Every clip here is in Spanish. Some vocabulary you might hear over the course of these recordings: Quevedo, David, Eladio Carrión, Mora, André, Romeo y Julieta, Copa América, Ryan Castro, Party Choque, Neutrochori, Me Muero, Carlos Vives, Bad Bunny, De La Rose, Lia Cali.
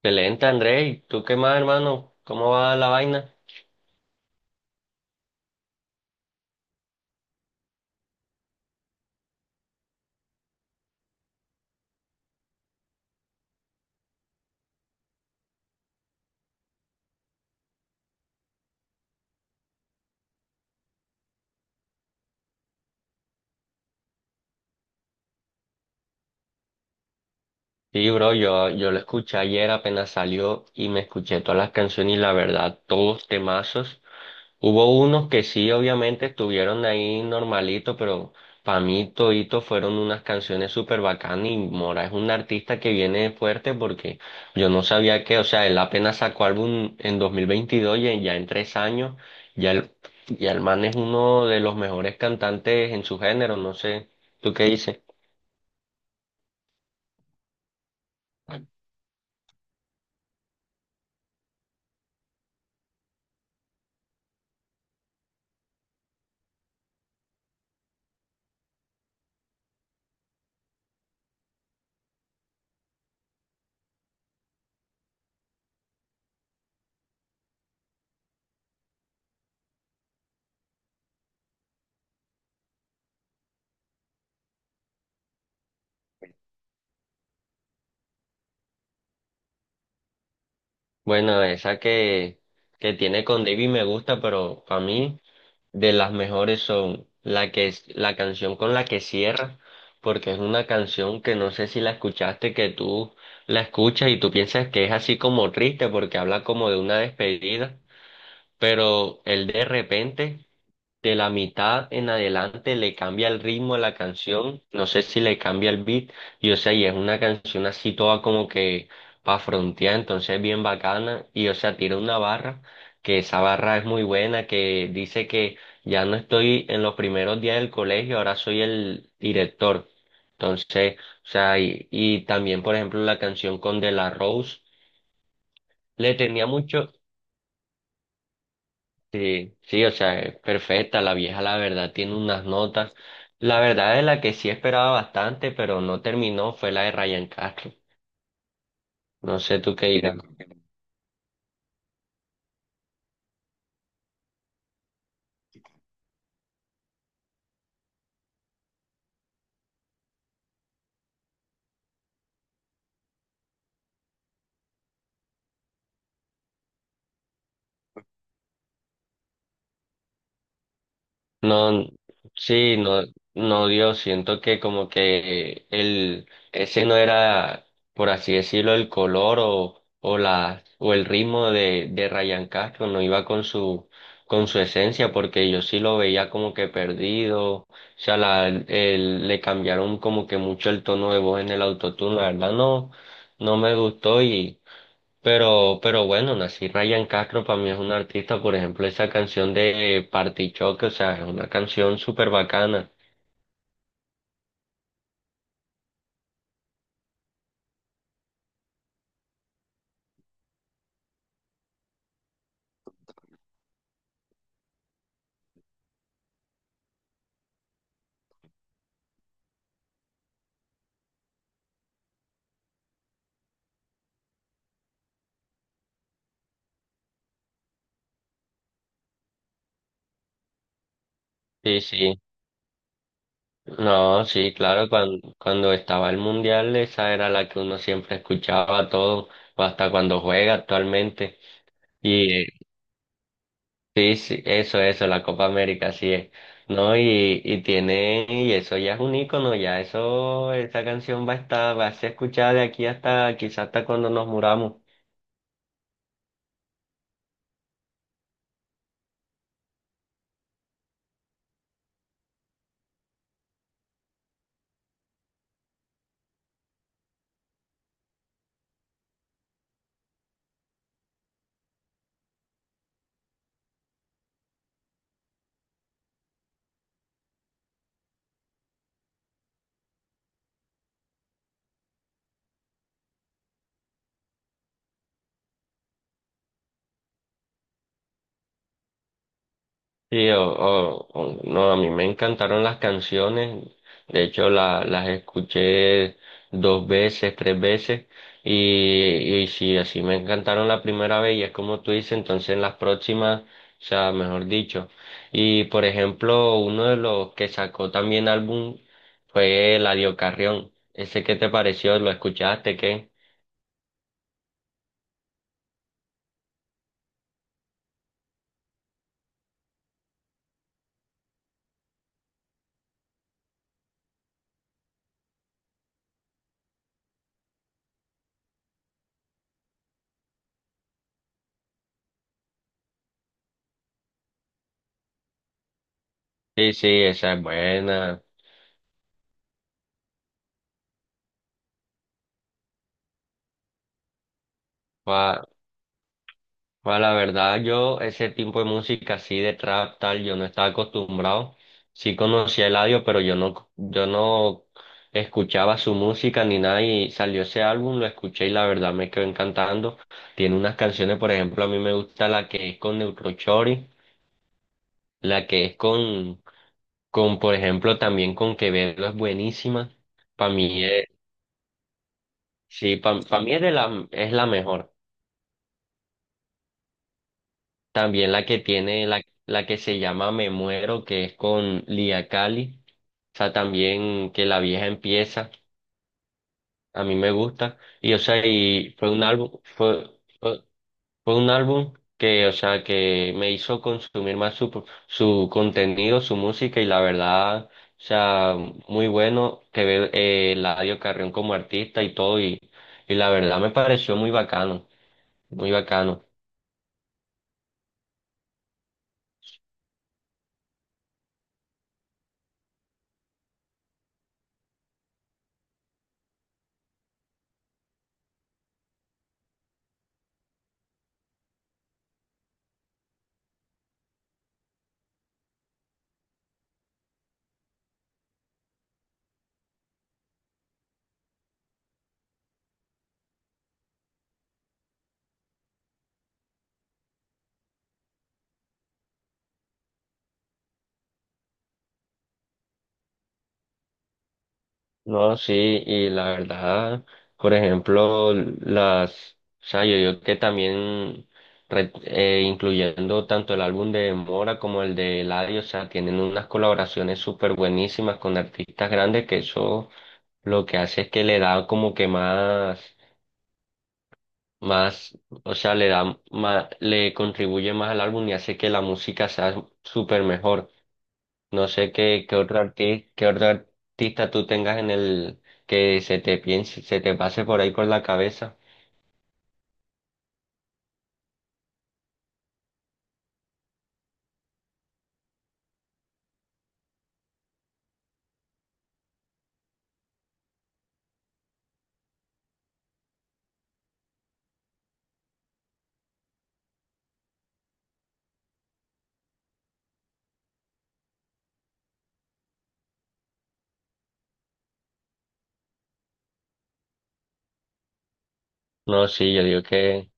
Excelente, André. ¿Y tú qué más, hermano? ¿Cómo va la vaina? Sí, bro, yo lo escuché ayer, apenas salió y me escuché todas las canciones y la verdad, todos temazos. Hubo unos que sí, obviamente, estuvieron ahí normalito, pero para mí todito fueron unas canciones súper bacanas y Mora es un artista que viene fuerte porque yo no sabía que, o sea, él apenas sacó álbum en 2022 y ya en 3 años, ya el, ya el man es uno de los mejores cantantes en su género, no sé, ¿tú qué dices? Bueno, esa que tiene con David me gusta, pero para mí de las mejores son la que es la canción con la que cierra, porque es una canción que no sé si la escuchaste, que tú la escuchas y tú piensas que es así como triste porque habla como de una despedida, pero el de repente de la mitad en adelante le cambia el ritmo a la canción, no sé si le cambia el beat, y o sea, y es una canción así toda como que pa' frontear, entonces bien bacana, y o sea, tira una barra, que esa barra es muy buena, que dice que ya no estoy en los primeros días del colegio, ahora soy el director. Entonces, o sea, y también, por ejemplo, la canción con De La Rose, le tenía mucho. Sí, sí, o sea, es perfecta, la vieja la verdad tiene unas notas. La verdad es la que sí esperaba bastante, pero no terminó, fue la de Ryan Castro. No sé tú qué dirás. No, sí, no, no dio. Siento que como que ese no era, por así decirlo, el color o el ritmo de Ryan Castro, no iba con su esencia, porque yo sí lo veía como que perdido. O sea, le cambiaron como que mucho el tono de voz en el autotune. La verdad no, no me gustó pero bueno, Nací Ryan Castro para mí es un artista, por ejemplo, esa canción de Party Choque, o sea, es una canción súper bacana. Sí, sí. No, sí, claro, cuando estaba el mundial, esa era la que uno siempre escuchaba todo, hasta cuando juega actualmente. Y sí, sí, eso, la Copa América, así es. No, y tiene, y eso ya es un ícono, ya eso, esa canción va a estar, va a ser escuchada de aquí hasta, quizás hasta cuando nos muramos. Sí, no, a mí me encantaron las canciones, de hecho las escuché dos veces, tres veces, y sí, así me encantaron la primera vez, y es como tú dices, entonces en las próximas, o sea, mejor dicho. Y por ejemplo, uno de los que sacó también álbum fue Eladio Carrión, ¿ese qué te pareció? ¿Lo escuchaste, qué? Sí, sí, esa es buena. Pues la verdad, yo ese tipo de música así de trap tal, yo no estaba acostumbrado. Sí conocía el audio, pero yo no escuchaba su música ni nada y salió ese álbum, lo escuché y la verdad me quedó encantando. Tiene unas canciones, por ejemplo, a mí me gusta la que es con Neutrochori, la que es con, por ejemplo, también con Quevedo es buenísima. Para mí es, sí, para mí es la mejor. También la que tiene, la que se llama Me Muero, que es con Lia Cali. O sea, también que la vieja empieza, a mí me gusta. Y o sea, y fue un álbum, fue, fue, fue un álbum que, o sea, que me hizo consumir más su contenido, su música, y la verdad, o sea, muy bueno que ve Eladio Carrión como artista y todo, y la verdad me pareció muy bacano, muy bacano. No, sí, y la verdad, por ejemplo, o sea, yo digo que también, incluyendo tanto el álbum de Mora como el de Eladio, o sea, tienen unas colaboraciones súper buenísimas con artistas grandes que eso lo que hace es que le da como que más, más, o sea, le da más, le contribuye más al álbum y hace que la música sea súper mejor. No sé qué otro artista tú tengas en el que se te pase por ahí por la cabeza. No, sí, yo digo que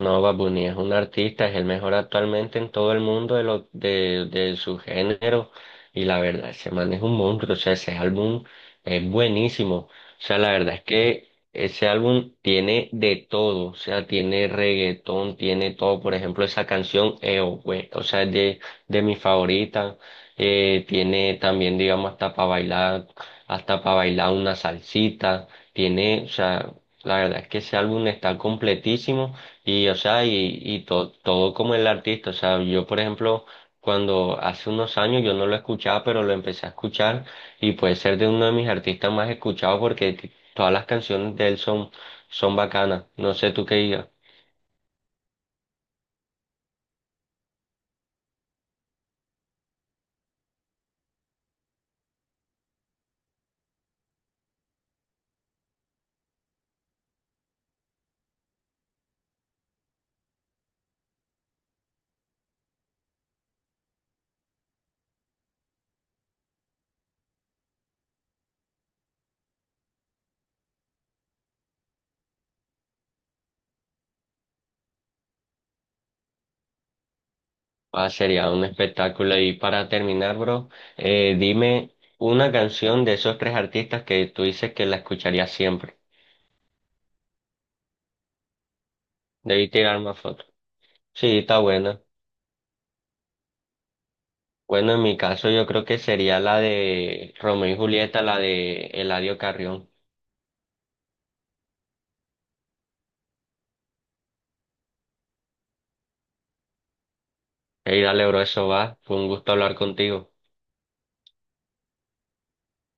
no, Bad Bunny es un artista, es el mejor actualmente en todo el mundo de su género, y la verdad, ese man es un monstruo, o sea, ese álbum es buenísimo. O sea, la verdad es que ese álbum tiene de todo, o sea, tiene reggaetón, tiene todo. Por ejemplo, esa canción, o güey, o sea, es de mi favorita. Tiene también, digamos, hasta para bailar una salsita. Tiene, o sea, la verdad es que ese álbum está completísimo y, o sea, todo como el artista. O sea, yo, por ejemplo, cuando hace unos años yo no lo escuchaba, pero lo empecé a escuchar y puede ser de uno de mis artistas más escuchados porque todas las canciones de él son, son, bacanas. No sé tú qué digas. Ah, sería un espectáculo. Y para terminar, bro, dime una canción de esos tres artistas que tú dices que la escucharías siempre. Debí tirar más fotos. Sí, está buena. Bueno, en mi caso yo creo que sería la de Romeo y Julieta, la de Eladio Carrión. Hey, dale, bro, eso va. Fue un gusto hablar contigo.